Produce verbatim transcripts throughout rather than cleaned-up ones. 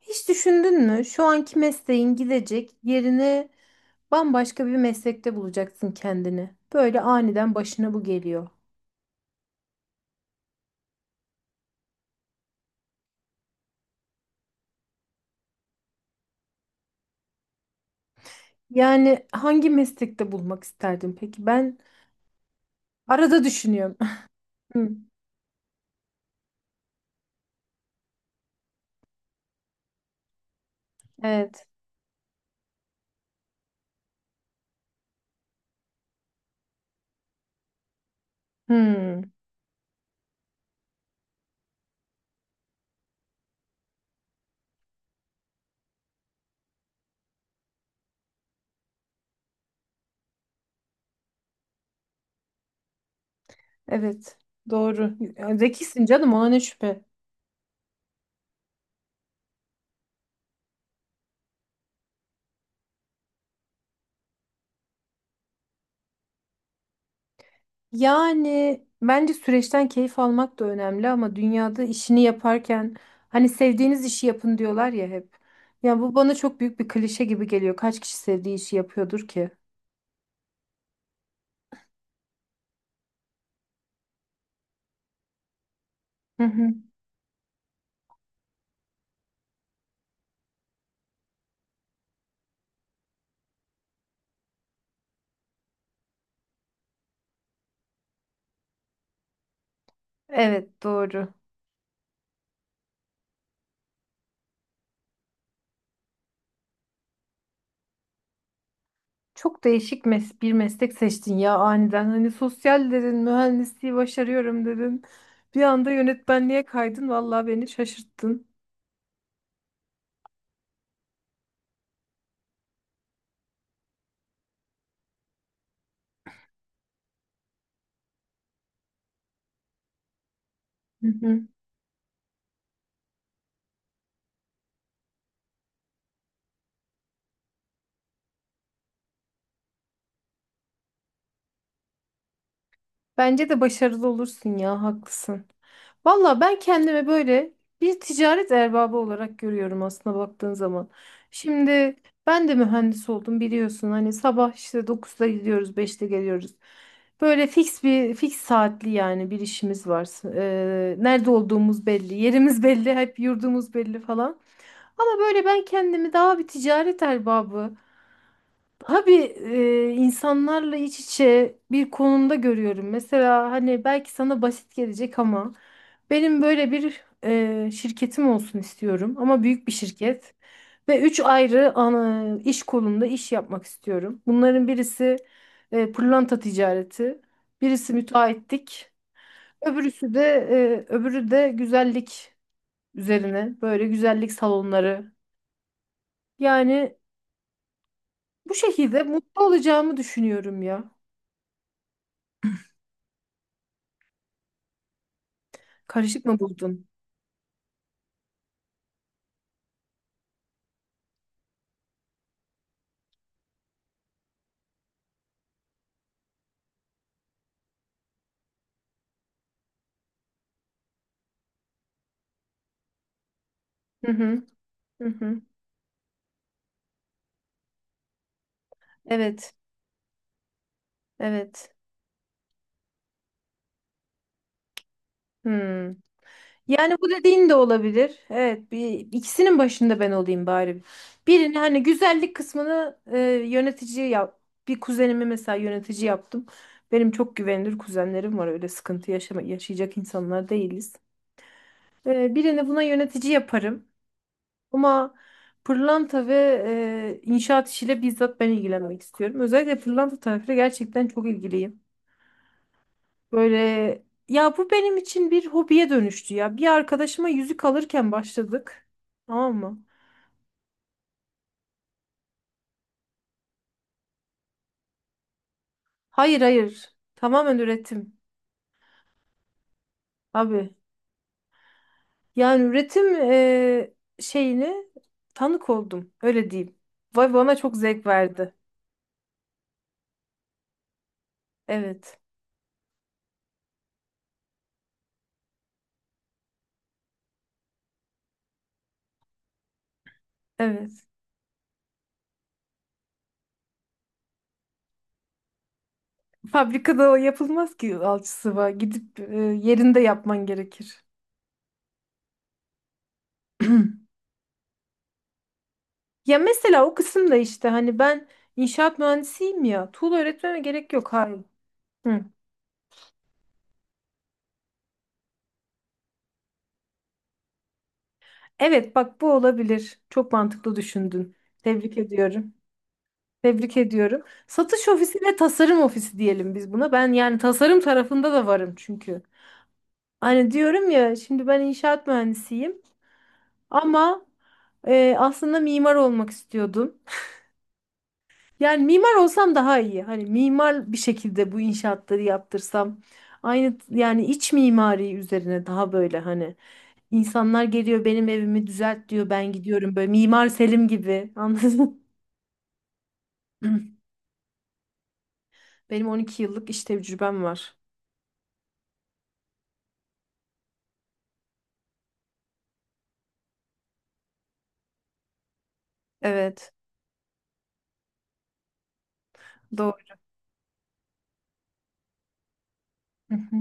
Hiç düşündün mü? Şu anki mesleğin gidecek yerini bambaşka bir meslekte bulacaksın kendini. Böyle aniden başına bu geliyor. Yani hangi meslekte bulmak isterdin peki? Ben arada düşünüyorum. Hmm, evet. Hmm, evet. Doğru. Zekisin canım, ona ne şüphe. Yani bence süreçten keyif almak da önemli, ama dünyada işini yaparken hani sevdiğiniz işi yapın diyorlar ya hep. Ya bu bana çok büyük bir klişe gibi geliyor. Kaç kişi sevdiği işi yapıyordur ki? Hı hı. Evet, doğru. Çok değişik mes bir meslek seçtin ya aniden. Hani sosyal dedin, mühendisliği başarıyorum dedin. Bir anda yönetmenliğe kaydın. Vallahi beni şaşırttın. Hı hı. Bence de başarılı olursun ya, haklısın. Valla ben kendimi böyle bir ticaret erbabı olarak görüyorum aslında, baktığın zaman. Şimdi ben de mühendis oldum, biliyorsun. Hani sabah işte dokuzda gidiyoruz, beşte geliyoruz. Böyle fix bir fix saatli, yani bir işimiz var. Ee, nerede olduğumuz belli, yerimiz belli, hep yurdumuz belli falan. Ama böyle ben kendimi daha bir ticaret erbabı, abi, e, insanlarla iç içe bir konumda görüyorum. Mesela hani belki sana basit gelecek ama benim böyle bir e, şirketim olsun istiyorum, ama büyük bir şirket, ve üç ayrı ana, iş kolunda iş yapmak istiyorum. Bunların birisi e, pırlanta ticareti, birisi müteahhitlik, öbürüsü de e, öbürü de güzellik üzerine, böyle güzellik salonları. Yani bu şekilde mutlu olacağımı düşünüyorum ya. Karışık mı buldun? Hı hı, hı hı. Evet, evet. Hmm. Yani bu dediğin de olabilir. Evet, bir, ikisinin başında ben olayım bari. Birini, hani güzellik kısmını, e, yönetici yap. Bir kuzenimi mesela yönetici yaptım. Benim çok güvenilir kuzenlerim var. Öyle sıkıntı yaşama, yaşayacak insanlar değiliz. E, birini buna yönetici yaparım. Ama pırlanta ve e, inşaat işiyle bizzat ben ilgilenmek istiyorum. Özellikle pırlanta tarafıyla gerçekten çok ilgiliyim. Böyle, ya bu benim için bir hobiye dönüştü ya. Bir arkadaşıma yüzük alırken başladık. Tamam mı? Hayır, hayır. Tamamen üretim. Abi, yani üretim eee, şeyini tanık oldum. Öyle diyeyim. Vay, bana çok zevk verdi. Evet. Evet. Fabrikada o yapılmaz ki, alçısı var. Gidip eee, yerinde yapman gerekir. Ya mesela o kısımda işte hani ben inşaat mühendisiyim ya. Tuğla öğretmeme gerek yok. Hayır. Evet, bak, bu olabilir. Çok mantıklı düşündün. Tebrik ediyorum. Tebrik ediyorum. Satış ofisi ve tasarım ofisi diyelim biz buna. Ben yani tasarım tarafında da varım çünkü. Hani diyorum ya, şimdi ben inşaat mühendisiyim ama e, aslında mimar olmak istiyordum. Yani mimar olsam daha iyi. Hani mimar bir şekilde bu inşaatları yaptırsam. Aynı, yani iç mimari üzerine daha böyle, hani insanlar geliyor, benim evimi düzelt diyor, ben gidiyorum böyle Mimar Selim gibi anladın. Benim on iki yıllık iş tecrübem var. Evet, doğru. Hı hı.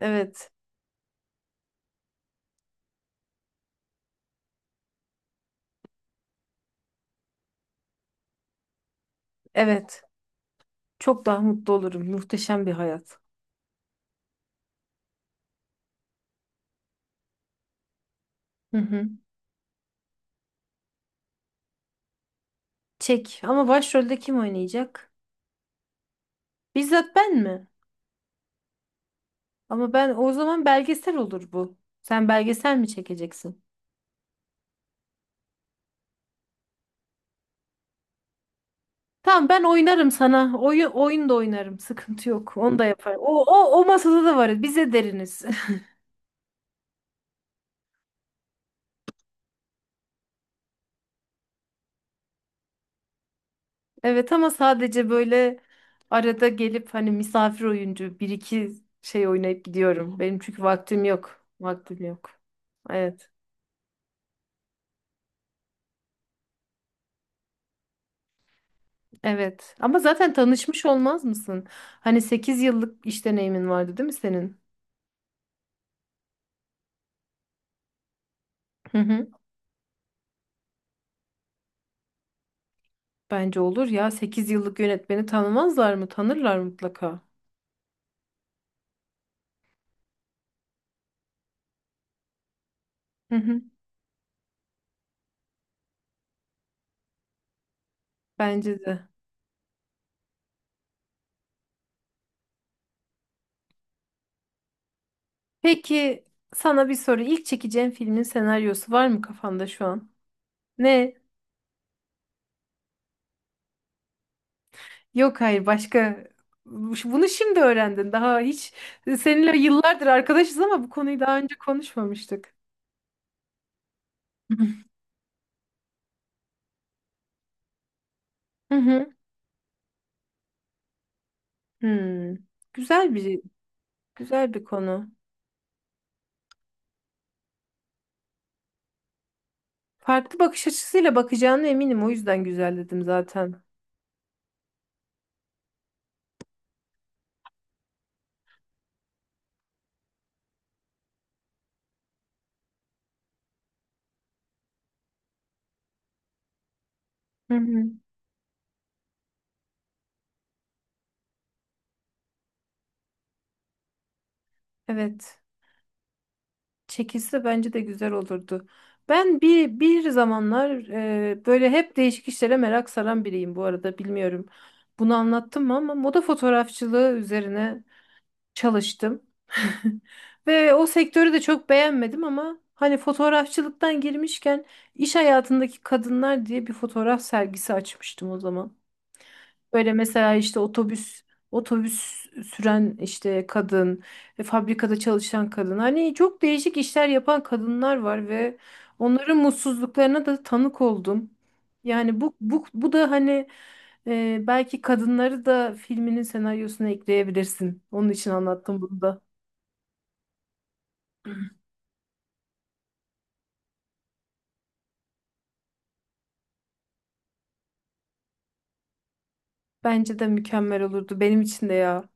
Evet, evet. Çok daha mutlu olurum. Muhteşem bir hayat. Hı hı. Çek. Ama başrolde kim oynayacak? Bizzat ben mi? Ama ben o zaman belgesel olur bu. Sen belgesel mi çekeceksin? Tamam, ben oynarım sana. Oyun, oyun da oynarım. Sıkıntı yok. Onu da yaparım. O, o, o masada da varız. Bize deriniz. Evet, ama sadece böyle arada gelip hani misafir oyuncu bir iki şey oynayıp gidiyorum. Benim çünkü vaktim yok. Vaktim yok. Evet. Evet. Ama zaten tanışmış olmaz mısın? Hani sekiz yıllık iş deneyimin vardı değil mi senin? Hı hı. Bence olur ya. Sekiz yıllık yönetmeni tanımazlar mı? Tanırlar mutlaka. Hı hı. Bence de. Peki, sana bir soru. İlk çekeceğin filmin senaryosu var mı kafanda şu an? Ne? Yok, hayır, başka. Bunu şimdi öğrendin. Daha hiç e, seninle yıllardır arkadaşız ama bu konuyu daha önce konuşmamıştık. Hı hı. Hmm. Güzel bir güzel bir konu. Farklı bakış açısıyla bakacağına eminim. O yüzden güzel dedim zaten. Hı hı. Evet. Çekilse bence de güzel olurdu. Ben bir bir zamanlar e, böyle hep değişik işlere merak saran biriyim, bu arada bilmiyorum. Bunu anlattım mı, ama moda fotoğrafçılığı üzerine çalıştım. Ve o sektörü de çok beğenmedim ama hani fotoğrafçılıktan girmişken, iş hayatındaki kadınlar diye bir fotoğraf sergisi açmıştım o zaman. Böyle mesela işte otobüs otobüs süren işte kadın, e, fabrikada çalışan kadın. Hani çok değişik işler yapan kadınlar var ve onların mutsuzluklarına da tanık oldum. Yani bu bu bu da hani e, belki kadınları da filminin senaryosuna ekleyebilirsin. Onun için anlattım bunu da. Bence de mükemmel olurdu benim için de ya.